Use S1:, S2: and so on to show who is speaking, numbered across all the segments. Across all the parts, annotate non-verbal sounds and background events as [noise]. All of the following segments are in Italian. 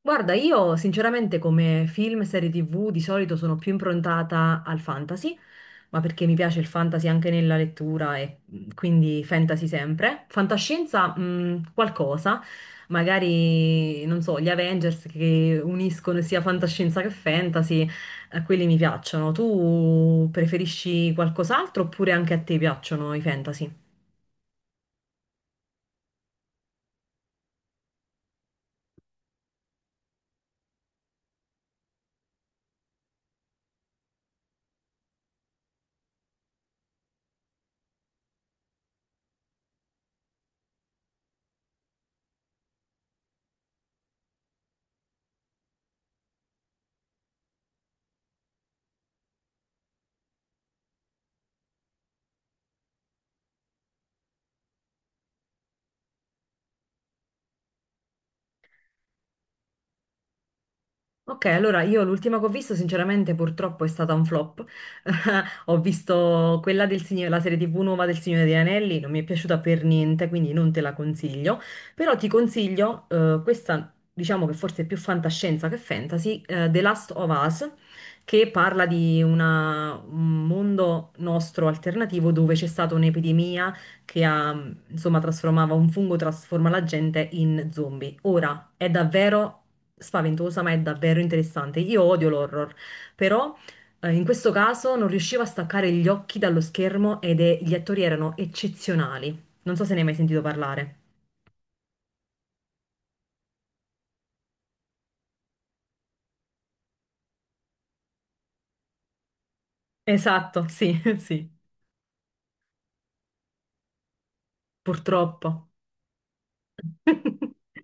S1: Guarda, io sinceramente come film e serie TV di solito sono più improntata al fantasy, ma perché mi piace il fantasy anche nella lettura quindi fantasy sempre. Fantascienza, qualcosa, magari, non so, gli Avengers che uniscono sia fantascienza che fantasy, quelli mi piacciono. Tu preferisci qualcos'altro oppure anche a te piacciono i fantasy? Ok, allora io l'ultima che ho visto, sinceramente, purtroppo è stata un flop. [laughs] Ho visto quella del Signore, la serie TV nuova del Signore degli Anelli, non mi è piaciuta per niente, quindi non te la consiglio. Però ti consiglio questa, diciamo che forse è più fantascienza che fantasy, The Last of Us, che parla di un mondo nostro alternativo dove c'è stata un'epidemia che ha insomma, trasformava un fungo, trasforma la gente in zombie. Ora, è davvero spaventosa, ma è davvero interessante. Io odio l'horror, però in questo caso non riuscivo a staccare gli occhi dallo schermo gli attori erano eccezionali. Non so se ne hai mai sentito parlare. Esatto, sì, [laughs] sì, purtroppo. [laughs]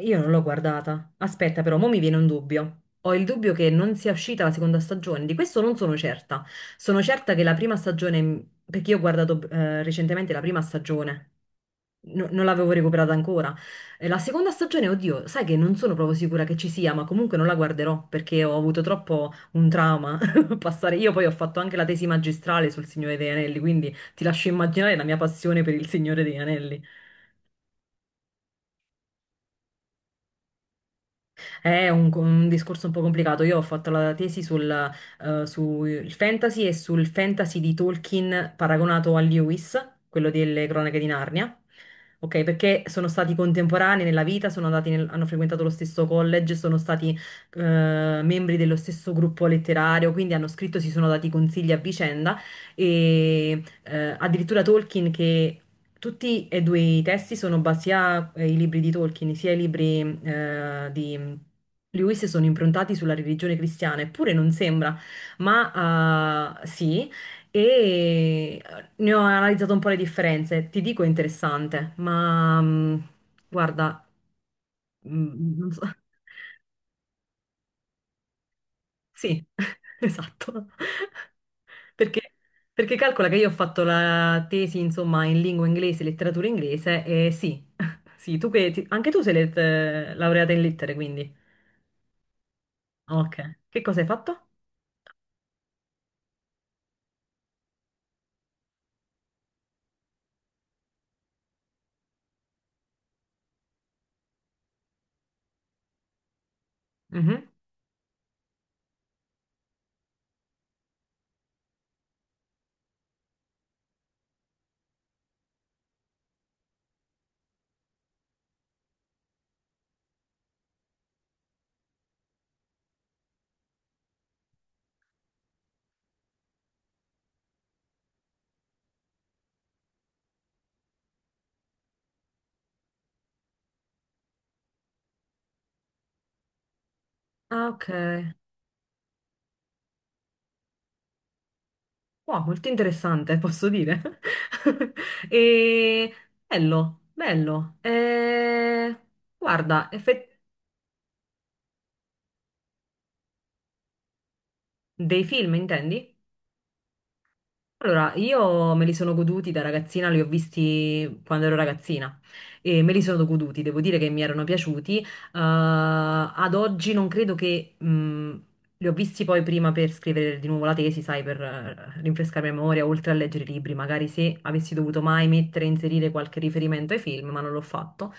S1: Io non l'ho guardata. Aspetta, però, mo mi viene un dubbio. Ho il dubbio che non sia uscita la seconda stagione. Di questo non sono certa. Sono certa che la prima stagione, perché io ho guardato recentemente la prima stagione, non l'avevo recuperata ancora. E la seconda stagione, oddio, sai che non sono proprio sicura che ci sia, ma comunque non la guarderò perché ho avuto troppo un trauma [laughs] passare. Io poi ho fatto anche la tesi magistrale sul Signore degli Anelli, quindi ti lascio immaginare la mia passione per il Signore degli Anelli. È un discorso un po' complicato. Io ho fatto la tesi sul fantasy e sul fantasy di Tolkien paragonato a Lewis, quello delle Cronache di Narnia. Ok, perché sono stati contemporanei nella vita, sono andati hanno frequentato lo stesso college, sono stati eh, membri dello stesso gruppo letterario, quindi hanno scritto, si sono dati consigli a vicenda e addirittura Tolkien che tutti e due i testi sono basati sia i libri di Tolkien, sia i libri di Lewis sono improntati sulla religione cristiana, eppure non sembra, ma sì, e ne ho analizzato un po' le differenze. Ti dico è interessante, ma guarda, non so. [laughs] Sì, [laughs] esatto. Perché, perché calcola che io ho fatto la tesi, insomma, in lingua inglese, letteratura inglese, e sì, [laughs] sì, tu che anche tu sei laureata in lettere, quindi. Ok. Che cosa hai fatto? Mhm. Ah, ok. Wow, molto interessante, posso dire. [laughs] E... Bello, bello. Guarda, dei film, intendi? Allora, io me li sono goduti da ragazzina, li ho visti quando ero ragazzina e me li sono goduti, devo dire che mi erano piaciuti. Ad oggi non credo che... li ho visti poi prima per scrivere di nuovo la tesi, sai, per rinfrescare la memoria, oltre a leggere i libri, magari se avessi dovuto mai mettere, inserire qualche riferimento ai film, ma non l'ho fatto.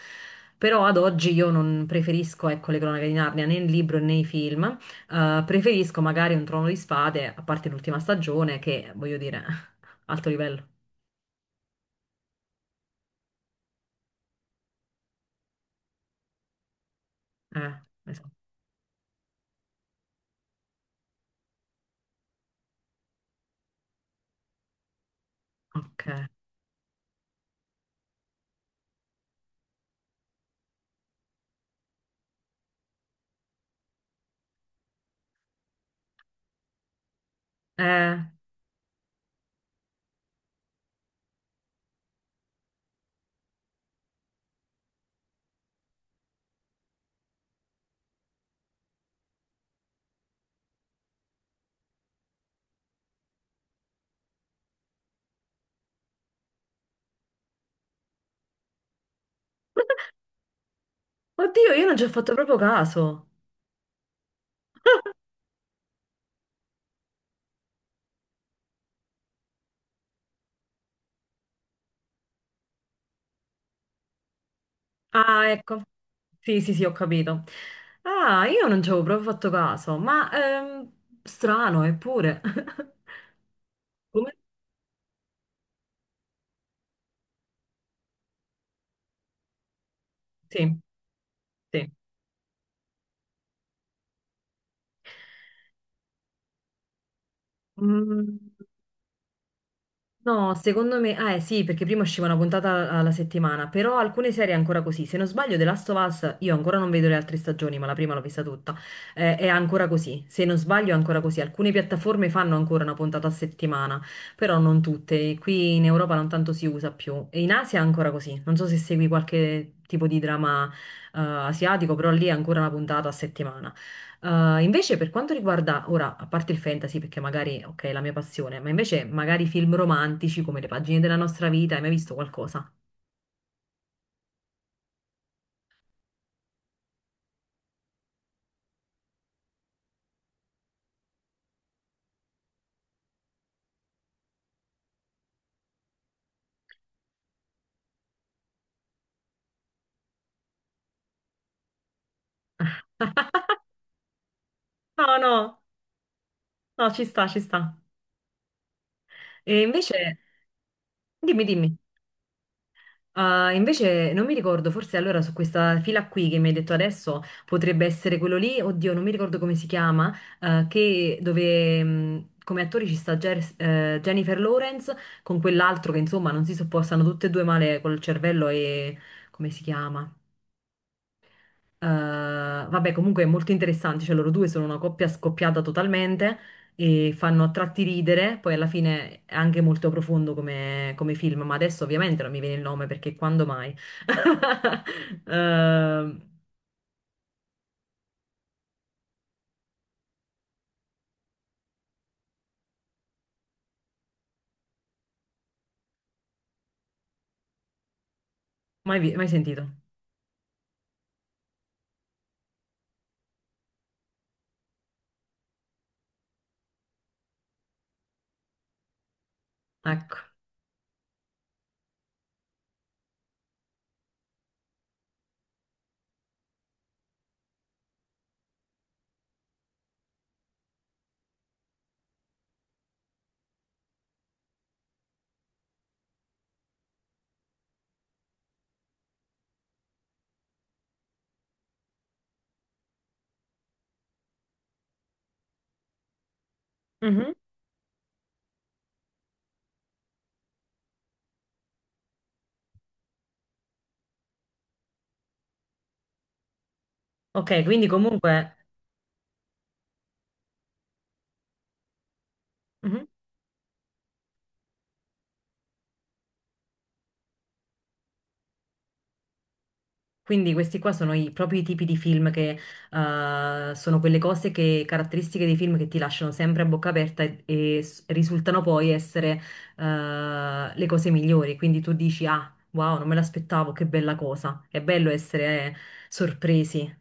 S1: Però ad oggi io non preferisco, ecco, le cronache di Narnia né il libro né i film. Preferisco magari un Trono di Spade, a parte l'ultima stagione, che voglio dire, [laughs] alto livello. Esatto. Ok. Eh, oddio, io non ci ho fatto proprio caso. Ah, ecco. Sì, sì, sì, ho capito. Ah, io non ci avevo proprio fatto caso, ma strano, eppure. [laughs] Come? Sì, sì. Mm. No, secondo me, sì, perché prima usciva una puntata alla settimana, però alcune serie è ancora così. Se non sbaglio, The Last of Us, io ancora non vedo le altre stagioni, ma la prima l'ho vista tutta, è ancora così. Se non sbaglio, è ancora così. Alcune piattaforme fanno ancora una puntata a settimana, però non tutte. Qui in Europa non tanto si usa più. E in Asia è ancora così. Non so se segui qualche tipo di drama, asiatico, però lì è ancora una puntata a settimana. Invece per quanto riguarda, ora, a parte il fantasy, perché magari, ok, è la mia passione, ma invece magari film romantici come Le pagine della nostra vita, hai mai visto qualcosa? No, no, no, ci sta, ci sta. E invece, dimmi, dimmi. Invece non mi ricordo, forse allora su questa fila qui che mi hai detto adesso potrebbe essere quello lì, oddio, non mi ricordo come si chiama, che dove come attori ci sta Jennifer Lawrence con quell'altro che insomma non si sopportano tutte e due male col cervello e come si chiama? Vabbè, comunque è molto interessante, cioè loro due sono una coppia scoppiata totalmente e fanno a tratti ridere, poi alla fine è anche molto profondo come film, ma adesso ovviamente non mi viene il nome perché quando mai? [laughs] Eh, mai, mai sentito? Ecco. Mhm. Ok, quindi comunque... mhm. Quindi questi qua sono i propri tipi di film che sono quelle cose che, caratteristiche dei film che ti lasciano sempre a bocca aperta e, risultano poi essere le cose migliori. Quindi tu dici, ah, wow, non me l'aspettavo, che bella cosa. È bello essere sorpresi.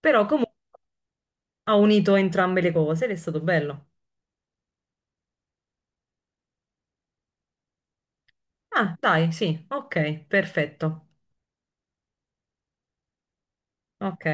S1: Però comunque ha unito entrambe le cose ed è stato bello. Ah, dai, sì, ok, perfetto. Ok.